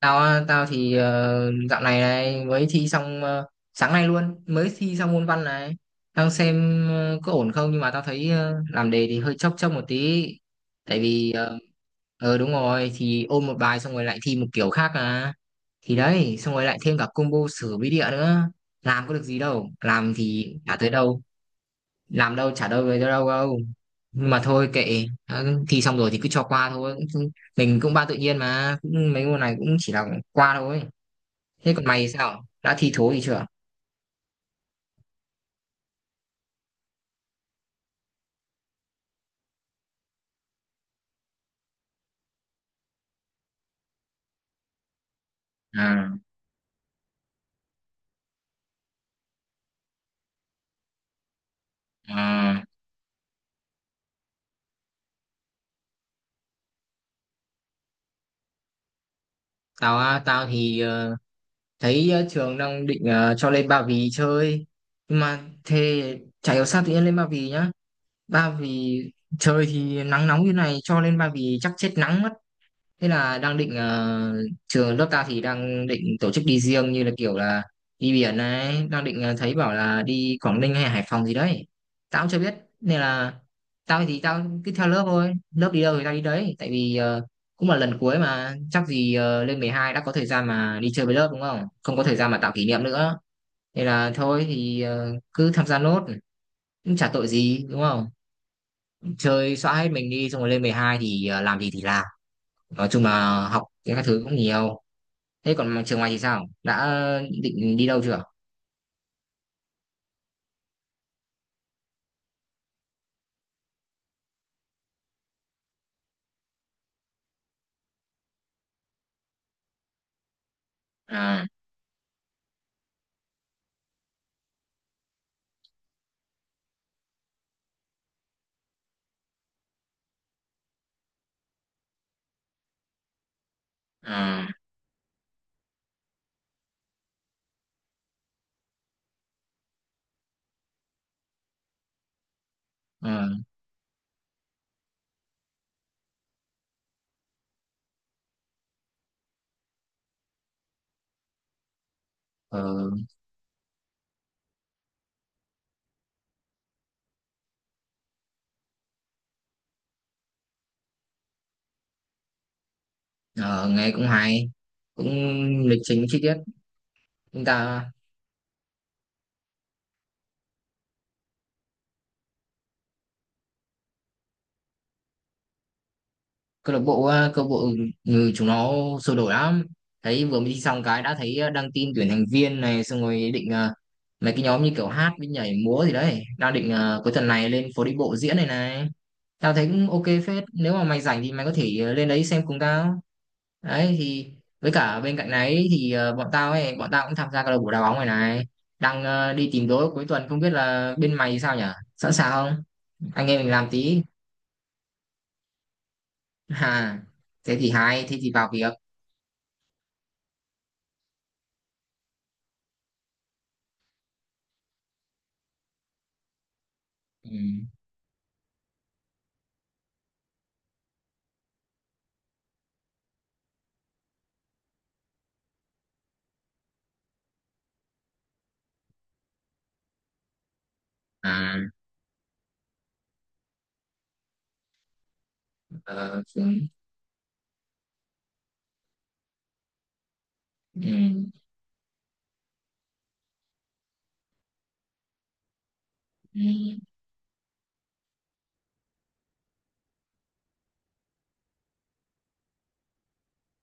Tao á, tao thì dạo này này mới thi xong sáng nay luôn mới thi xong môn văn này. Đang xem có ổn không, nhưng mà tao thấy làm đề thì hơi chốc chốc một tí. Tại vì đúng rồi, thì ôn một bài xong rồi lại thi một kiểu khác à, thì đấy, xong rồi lại thêm cả combo sửa bí địa nữa, làm có được gì đâu, làm thì chả tới đâu, làm đâu trả đâu về đâu đâu. Nhưng mà thôi kệ đã- thi xong rồi thì cứ cho qua thôi. Cũng- mình cũng ba tự nhiên mà, cũng mấy môn này cũng chỉ là qua thôi. Thế còn mày, sao đã thi thố gì chưa? À, à, tao á, tao thì thấy trường đang định cho lên Ba Vì chơi. Nhưng mà thế chả hiểu sao tự nhiên lên Ba Vì nhá. Ba Vì trời thì nắng nóng như này, cho lên Ba Vì chắc chết nắng mất. Thế là đang định trường lớp ta thì đang định tổ chức đi riêng như là kiểu là đi biển này, đang định thấy bảo là đi Quảng Ninh hay Hải Phòng gì đấy. Tao cũng chưa biết nên là tao thì tao cứ theo lớp thôi, lớp đi đâu thì tao đi đấy, tại vì cũng là lần cuối, mà chắc gì lên 12 đã có thời gian mà đi chơi với lớp đúng không? Không có thời gian mà tạo kỷ niệm nữa. Nên là thôi thì cứ tham gia nốt, cũng chả tội gì đúng không? Chơi xóa hết mình đi, xong rồi lên 12 thì làm gì thì làm. Nói chung là học các thứ cũng nhiều. Thế còn mà trường ngoài thì sao? Đã định đi đâu chưa? À, à, à, ờ, ờ, nghe cũng hay, cũng lịch trình chi tiết. Chúng ta câu lạc bộ câu lạc bộ người chúng nó sôi nổi lắm. Thấy vừa mới đi xong cái đã thấy đăng tin tuyển thành viên này, xong rồi định mấy cái nhóm như kiểu hát với nhảy múa gì đấy. Đang định cuối tuần này lên phố đi bộ diễn này này. Tao thấy cũng ok phết. Nếu mà mày rảnh thì mày có thể lên đấy xem cùng tao. Đấy thì với cả bên cạnh đấy thì bọn tao ấy, bọn tao cũng tham gia câu lạc bộ đá bóng này này, đang đi tìm đối cuối tuần, không biết là bên mày thì sao nhở, sẵn sàng không, anh em mình làm tí. À, thế thì hay, thế thì vào việc. Ừ. À. Ờ, ừ. Ừ.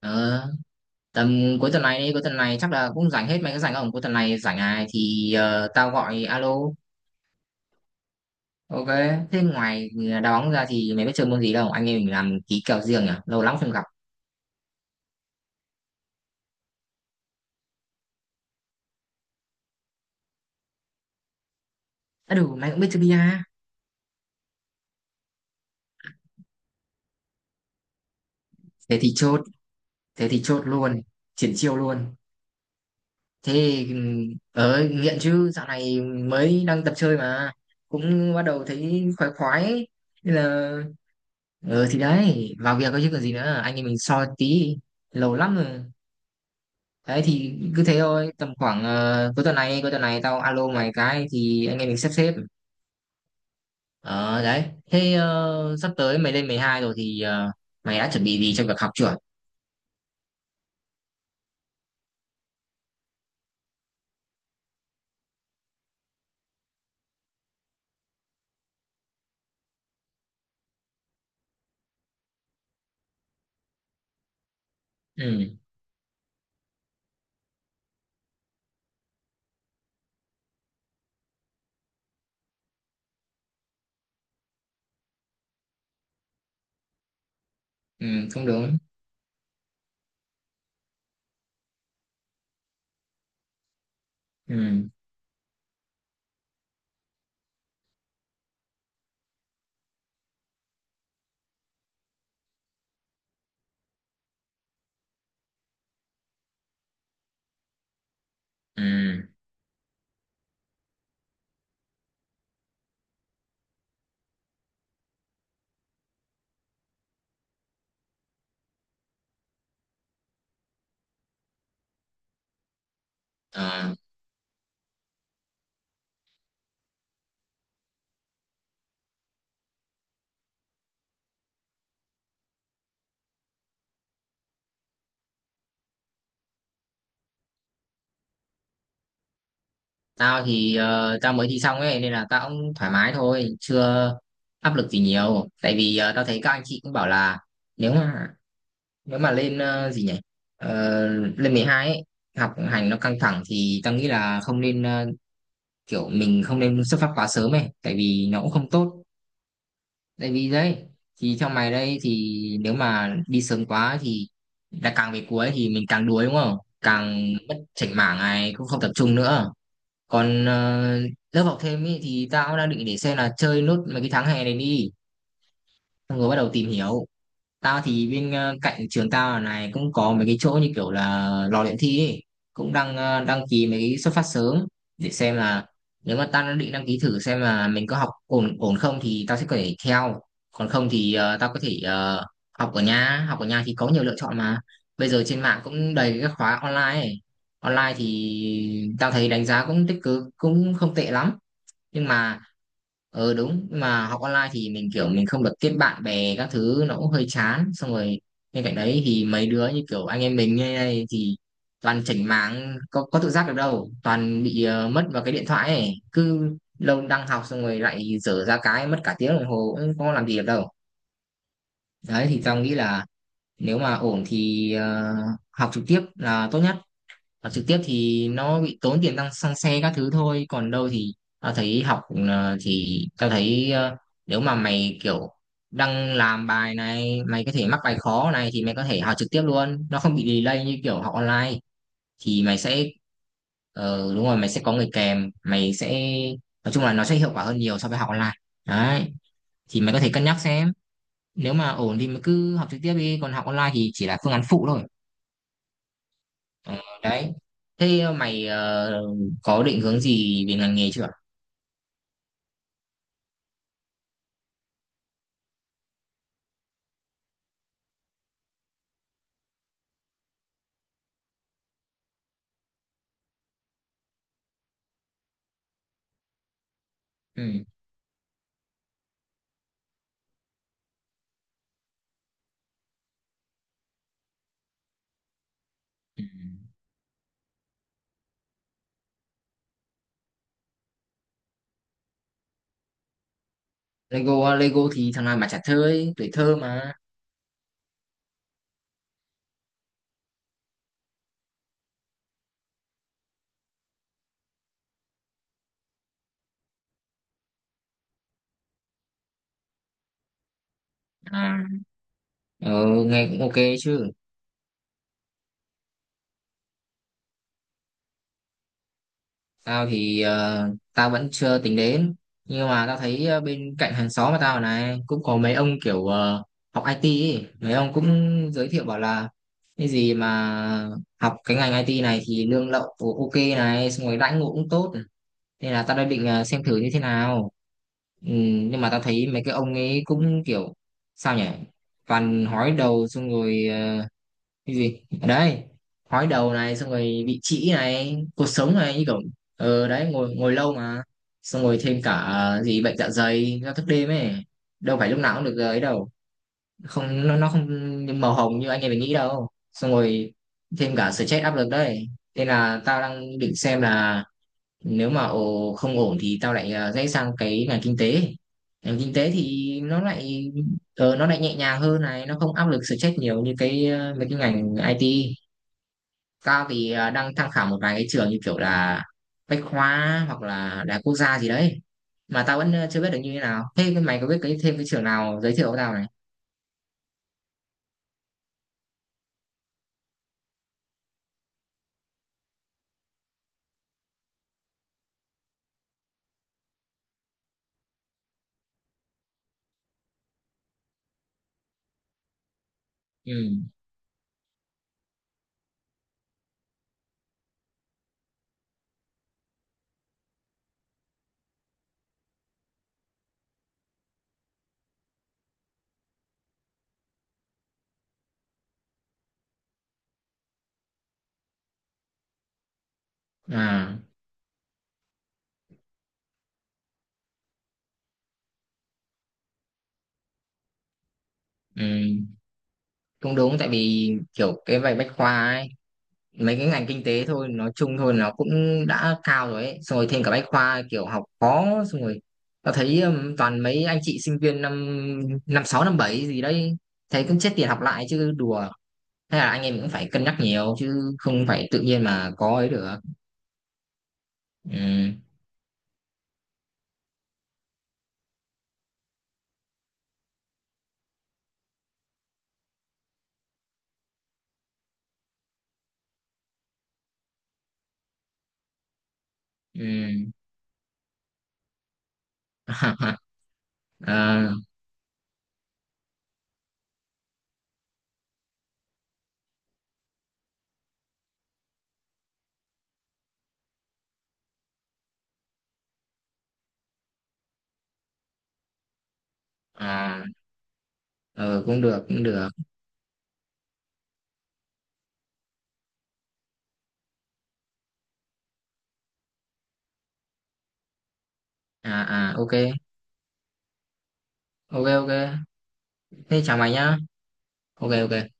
Ờ, tầm cuối tuần này đi, cuối tuần này chắc là cũng rảnh hết, mày có rảnh không? Cuối tuần này rảnh này thì tao gọi alo. Ok. Thế ngoài đá bóng ra thì mày biết chơi môn gì đâu, anh em mình làm ký kèo riêng nhỉ, lâu lắm không gặp. À đủ, mày cũng biết chơi bia. Thế thì chốt. Thế thì chốt luôn, triển chiêu luôn. Thế ờ nghiện chứ, dạo này mới đang tập chơi mà cũng bắt đầu thấy khoái khoái ấy. Nên là ờ thì đấy, vào việc có chứ còn gì nữa, anh em mình soi tí lâu lắm rồi. Đấy thì cứ thế thôi, tầm khoảng cuối tuần này, cuối tuần này tao alo mày cái thì anh em mình sắp xếp. Ờ đấy, thế sắp tới mày lên 12 rồi thì mày đã chuẩn bị gì cho việc học chưa? Ừ. Ừ. Không, đúng. Ừ. Ừ. Ờ. Tao thì tao mới thi xong ấy nên là tao cũng thoải mái thôi, chưa áp lực gì nhiều. Tại vì tao thấy các anh chị cũng bảo là nếu mà nếu mà lên gì nhỉ? Ờ, lên 12 ấy, học hành nó căng thẳng thì tao nghĩ là không nên kiểu mình không nên xuất phát quá sớm ấy, tại vì nó cũng không tốt. Tại vì đấy thì theo mày đây thì nếu mà đi sớm quá thì đã càng về cuối thì mình càng đuối đúng không? Càng mất chảnh mảng này cũng không tập trung nữa. Còn lớp học thêm ý, thì tao đang định để xem là chơi nốt mấy cái tháng hè này đi, xong rồi bắt đầu tìm hiểu. Tao thì bên cạnh trường tao ở này cũng có mấy cái chỗ như kiểu là lò luyện thi ấy. Cũng đang đăng ký mấy cái xuất phát sớm để xem là nếu mà tao đã định đăng ký thử xem là mình có học ổn ổn không thì tao sẽ có thể theo, còn không thì tao có thể học ở nhà, học ở nhà thì có nhiều lựa chọn mà, bây giờ trên mạng cũng đầy các khóa online ấy. Online thì tao thấy đánh giá cũng tích cực, cũng không tệ lắm, nhưng mà ừ đúng, nhưng mà học online thì mình kiểu mình không được kết bạn bè các thứ, nó cũng hơi chán. Xong rồi bên cạnh đấy thì mấy đứa như kiểu anh em mình như này thì toàn chảnh mảng, có tự giác được đâu, toàn bị mất vào cái điện thoại ấy, cứ lâu đang học xong rồi lại dở ra cái mất cả tiếng đồng hồ cũng không làm gì được đâu. Đấy thì tao nghĩ là nếu mà ổn thì học trực tiếp là tốt nhất. Học trực tiếp thì nó bị tốn tiền tăng xăng xe các thứ thôi, còn đâu thì tao thấy học ờ, thì tao thấy ờ, nếu mà mày kiểu đang làm bài này, mày có thể mắc bài khó này thì mày có thể học trực tiếp luôn, nó không bị delay như kiểu học online, thì mày sẽ đúng rồi, mày sẽ có người kèm, mày sẽ nói chung là nó sẽ hiệu quả hơn nhiều so với học online. Đấy thì mày có thể cân nhắc xem, nếu mà ổn thì mày cứ học trực tiếp đi, còn học online thì chỉ là phương án phụ thôi. Ờ, đấy, thế có định hướng gì về ngành nghề chưa? Ừ. Ừ. Lego, Lego thì thằng nào mà chả thơ, tuổi thơ mà. À. Ờ, nghe cũng ok chứ. Tao thì tao vẫn chưa tính đến, nhưng mà tao thấy bên cạnh hàng xóm mà tao này cũng có mấy ông kiểu học IT ấy. Mấy ông cũng giới thiệu bảo là cái gì mà học cái ngành IT này thì lương lậu ok này, xong rồi đãi ngộ cũng tốt, nên là tao đã định xem thử như thế nào. Ừ, nhưng mà tao thấy mấy cái ông ấy cũng kiểu sao nhỉ, toàn hói đầu, xong rồi cái gì ở đấy, hói đầu này xong rồi bị trĩ này, cột sống này, như kiểu ờ đấy, ngồi ngồi lâu mà, xong rồi thêm cả gì bệnh dạ dày do thức đêm ấy, đâu phải lúc nào cũng được ấy đâu, không nó, nó không màu hồng như anh em mình nghĩ đâu, xong rồi thêm cả stress áp lực đấy. Nên là tao đang định xem là nếu mà ồ, không ổn thì tao lại rẽ sang cái ngành kinh tế. Ngành kinh tế thì nó lại nó lại nhẹ nhàng hơn này, nó không áp lực stress nhiều như cái mấy cái ngành IT. Tao thì đang tham khảo một vài cái trường như kiểu là Bách Khoa hoặc là Đại học Quốc gia gì đấy, mà tao vẫn chưa biết được như thế nào. Thế cái mày có biết cái thêm cái trường nào giới thiệu với tao này. Ừ. À. Ừ, cũng đúng, tại vì kiểu cái bài Bách Khoa ấy, mấy cái ngành kinh tế thôi, nói chung thôi nó cũng đã cao rồi ấy, xong rồi thêm cả Bách Khoa kiểu học khó, xong rồi tao thấy toàn mấy anh chị sinh viên năm năm sáu năm bảy gì đấy, thấy cũng chết tiền học lại chứ đùa. Thế là anh em cũng phải cân nhắc nhiều, chứ không phải tự nhiên mà có ấy được. Ừ. Ừ. À, à, ừ, cũng được, cũng được. À, à, ok. Ok ok. Thế chào mày nhá. Ok ok.